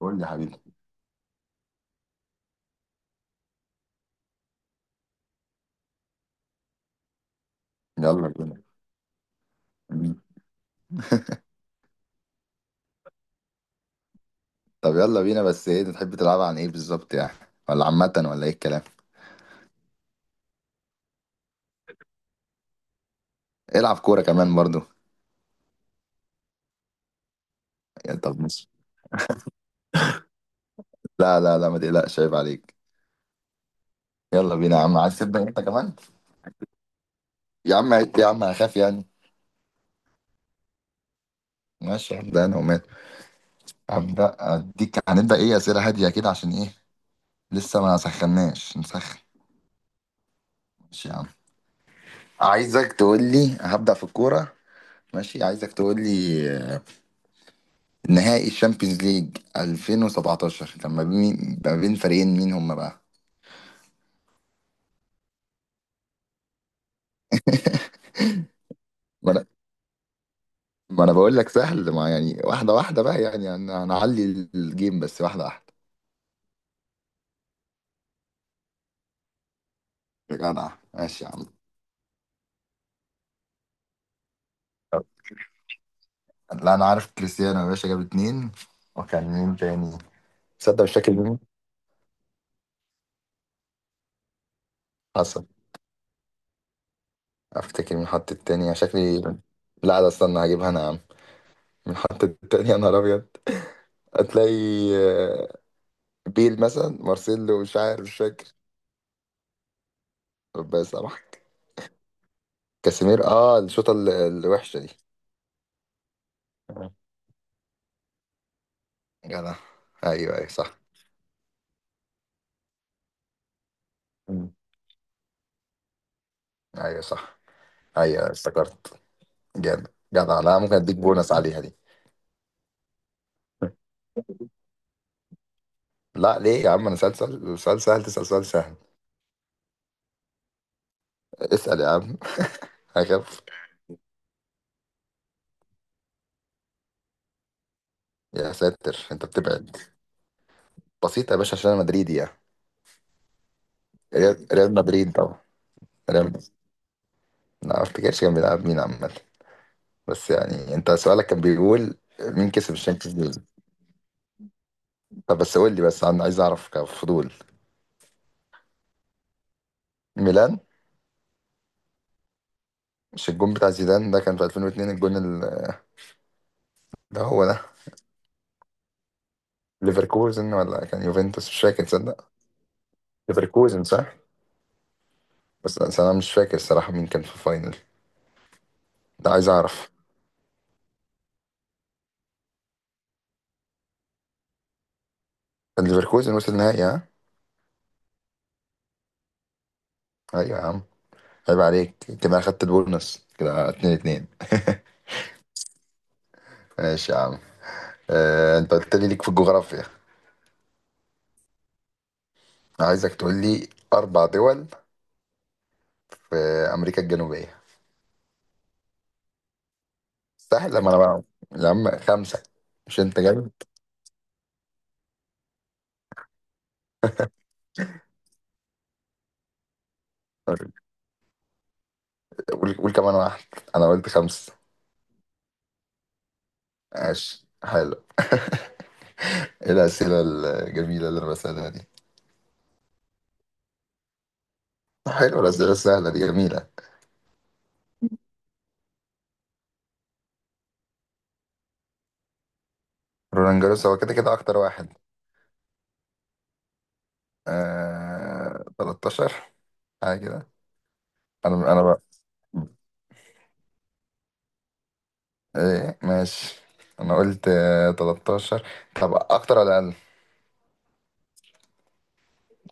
قول لي يا حبيبي. يلا بينا. مم. طب، يلا بينا، بس ايه انت تحب تلعب عن ايه بالظبط يعني، ولا عامة ولا ايه الكلام؟ العب كورة كمان برضو. يا طب مش لا لا لا، ما تقلقش، عيب عليك. يلا بينا يا عم، عايز تبدأ انت كمان؟ يا عم، يا عم هخاف يعني. ماشي، هبدأ انا ومال. هبدأ اديك، هنبدأ ايه، أسئلة هادية كده، عشان ايه؟ لسه ما سخناش، نسخن. ماشي يا عم. عايزك تقول لي، هبدأ في الكورة. ماشي، عايزك تقول لي نهائي الشامبيونز ليج 2017 كان ما بين فريقين، مين هم بقى؟ ما انا ما أنا بقول لك سهل، ما يعني، واحده واحده بقى يعني انا هنعلي الجيم بس واحده واحده. يا جدع، ماشي يا عم. طب، لا انا عارف كريستيانو يا باشا جاب اتنين، وكان مين تاني؟ تصدق، مش فاكر مين. حصل. افتكر مين حط التاني، شكلي. لا ده، استنى هجيبها انا يا عم. مين حط التاني يا نهار ابيض؟ هتلاقي آه، بيل مثلا، مارسيلو، مش عارف، مش فاكر. ربنا يسامحك. كاسيمير، الشوطه الوحشه دي. آه. جدع. ايوه ايوه صح. مم. ايوه صح. ايوه افتكرت. جامد، جدع. لا، ممكن اديك بونص عليها دي. لا ليه يا عم، انا سألت سؤال سهل، تسأل سؤال سهل. اسأل يا عم. هخف. يا ساتر، انت بتبعد. بسيط يا باشا، عشان انا مدريدي يعني. ريال مدريد طبعا. ريال لا ما افتكرش كان بيلعب مين عامة، بس يعني انت سؤالك كان بيقول مين كسب الشامبيونز ليج. طب بس قول لي بس، انا عايز اعرف كفضول. ميلان. مش الجون بتاع زيدان ده كان في 2002؟ الجون ده هو ده. ليفركوزن ولا كان يوفنتوس، مش فاكر تصدق. ليفركوزن صح. بس انا مش فاكر الصراحه مين كان في الفاينل ده، عايز اعرف. كان ليفركوزن وصل نهائي، ها؟ ايوه يا عم، عيب عليك. كده اخدت البونص، كده 2 2. ماشي يا عم. آه، انت قلت لي ليك في الجغرافيا. عايزك تقول لي اربع دول في امريكا الجنوبيه. سهل، لما انا بقى. يا عم خمسه. مش انت جامد. قول قول كمان واحد، انا قلت خمسه. ماشي، حلو. ايه الأسئلة الجميلة اللي أنا بسألها دي؟ حلو، الأسئلة السهلة دي جميلة. رولان جاروس هو كده كده أكتر واحد. 13 حاجة كده. أنا بقى، إيه ماشي. أنا قلت 13. طب أكتر ولا أقل؟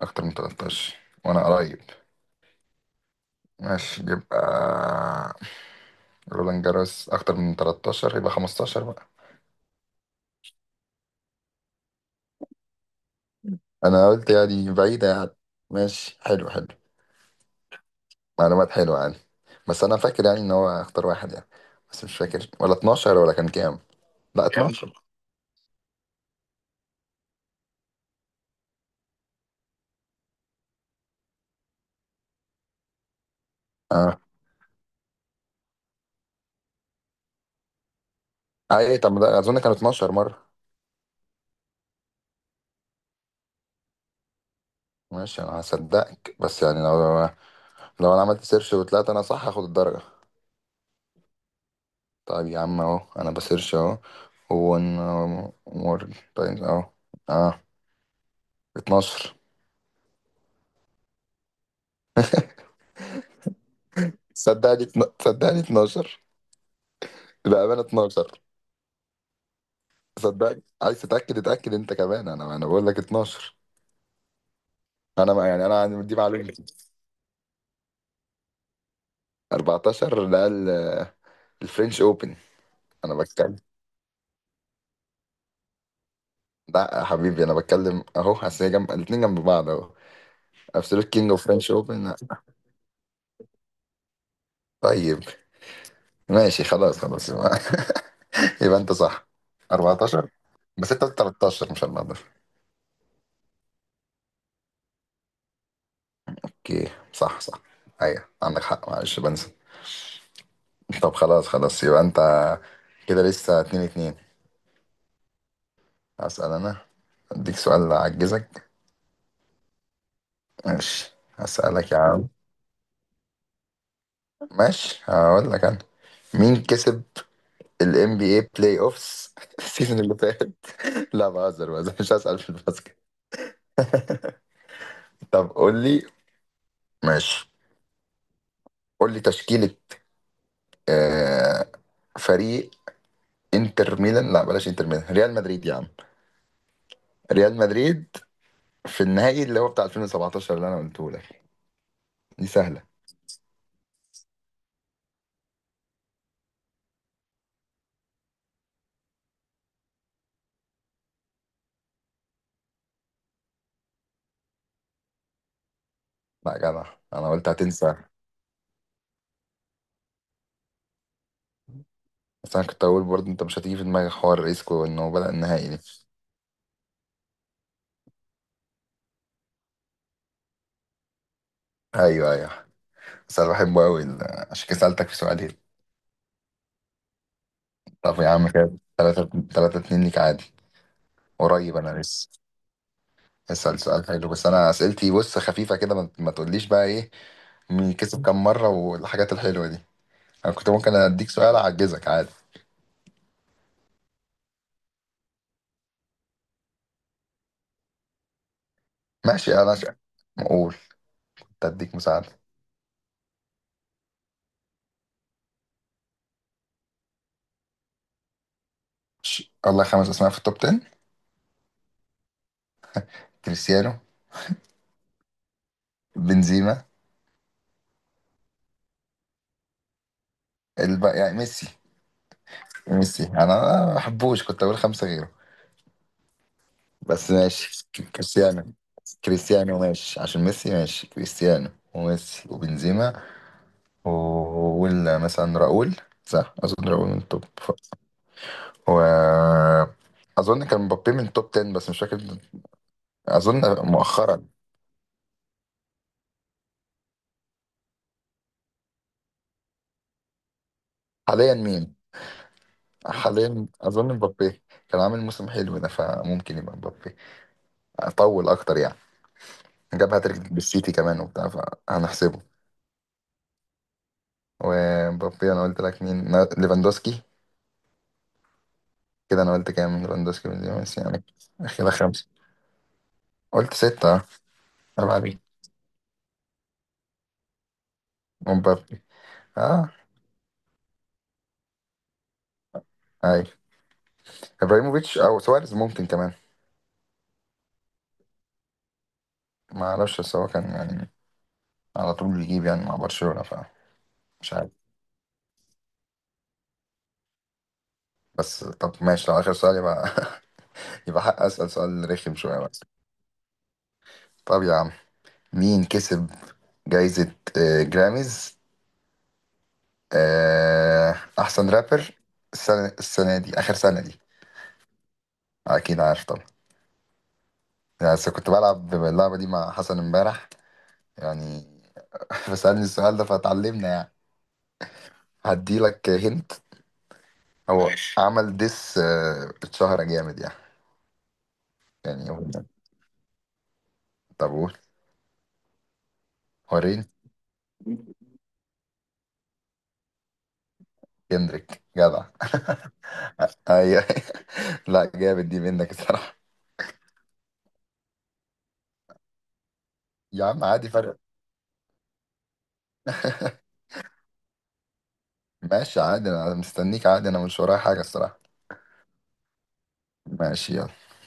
أكتر من 13، وأنا قريب. ماشي، يبقى رولان جاروس أكتر من 13، يبقى 15 بقى. أنا قلت يعني بعيدة يعني. ماشي، حلو حلو. معلومات حلوة يعني. بس أنا فاكر يعني إن هو اختار واحد يعني. بس مش فاكر ولا 12 ولا كان كام. لا كام، 12. اه، أي طب ما ده أظن كان 12 مرة. ماشي، أنا هصدقك. بس يعني لو أنا عملت سيرش وطلعت أنا صح، هاخد الدرجة. طيب يا عم، أهو أنا بسيرش أهو. ون مورج، طيب أهو. اه، 12. صدقني، صدقني 12. بأمانة 12. صدقني، عايز تتأكد اتأكد أنت كمان، أنا بقول لك 12. أنا ما يعني، أنا عندي دي معلومتي. 14 ده الفرنش اوبن. انا بتكلم. لا يا حبيبي، انا بتكلم اهو، اصل هي جنب الاتنين، جنب بعض اهو. ابسولوت كينج اوف فرنش اوبن. طيب، ماشي. خلاص خلاص. يبقى، يبقى انت صح. 14. بس انت قلت 13، مش 14. اوكي، صح صح. ايوه، عندك حق، معلش بنسى. طب خلاص خلاص، يبقى انت كده لسه 2 2. هسأل انا. اديك سؤال اعجزك. ماشي، هسألك يا عم. ماشي، هقول لك انا. مين كسب ال NBA بلاي اوفس السيزون اللي فات؟ لا، بهزر بهزر، مش هسأل في الباسكت. طب قول لي. ماشي، قول لي تشكيلة آه فريق انتر ميلان، لا بلاش انتر ميلان، ريال مدريد يا عم. ريال مدريد في النهائي اللي هو بتاع 2017 اللي انا قلته لك، دي سهلة. لا يا جدع، انا قلت هتنسى. بس انا كنت اقول برضه انت مش هتيجي في دماغك حوار ريسكو انه بدأ النهائي دي. ايوه ايوه، بس انا بحبه قوي، عشان كده سألتك في سؤالين. طب يا عم، كده 3 3 2 ليك عادي. قريب انا لسه. اسال سؤال حلو، بس انا اسئلتي بص خفيفه كده، ما تقوليش بقى ايه. مين كسب كام مره، والحاجات الحلوه دي. انا كنت ممكن اديك سؤال اعجزك عادي. ماشي، انا اقول تديك مساعده. الله، خمس اسماء في التوب 10. كريستيانو. بنزيما. يعني ميسي. ميسي انا ما بحبوش، كنت اقول خمسه غيره. بس ماشي، كريستيانو. كريستيانو ماشي، عشان ميسي ماشي كريستيانو وميسي وبنزيما. وقول مثلا راؤول. صح، اظن راؤول من التوب و اظن كان مبابي من التوب 10 بس مش فاكر، اظن. مؤخرا، حاليا مين؟ حاليا اظن مبابي. كان عامل موسم حلو ده، فممكن يبقى مبابي اطول اكتر يعني. جاب هاتريك بالسيتي كمان وبتاع، فهنحسبه. ومبابي انا قلت لك، مين ليفاندوسكي. كده انا قلت كام، ليفاندوسكي من بس يعني. كده خمسه. قلت سته اه. عيب عليك. مبابي. اه. ايوه. ابراهيموفيتش او سواريز ممكن كمان. ما اعرفش، بس هو كان يعني على طول بيجيب يعني مع برشلونة، فمش عارف. بس طب ماشي، لو آخر سؤال يبقى، يبقى حق أسأل سؤال رخم شوية بس. طب يا عم، مين كسب جايزة جراميز، آه، أحسن رابر السنة دي، آخر سنة دي؟ أكيد عارف طبعا، يعني. بس كنت بلعب اللعبة دي مع حسن امبارح يعني. فسألني السؤال ده فتعلمنا يعني. هديلك هنت. هو ماشي. عمل ديس، اتشهر جامد يعني. يعني طب قول وريني. كندريك، جدع. ايوه. لا جامد دي منك الصراحه. يا عم عادي، فرق. ماشي عادي، انا مستنيك عادي، انا مش ورايا حاجه الصراحه. ماشي، يلا.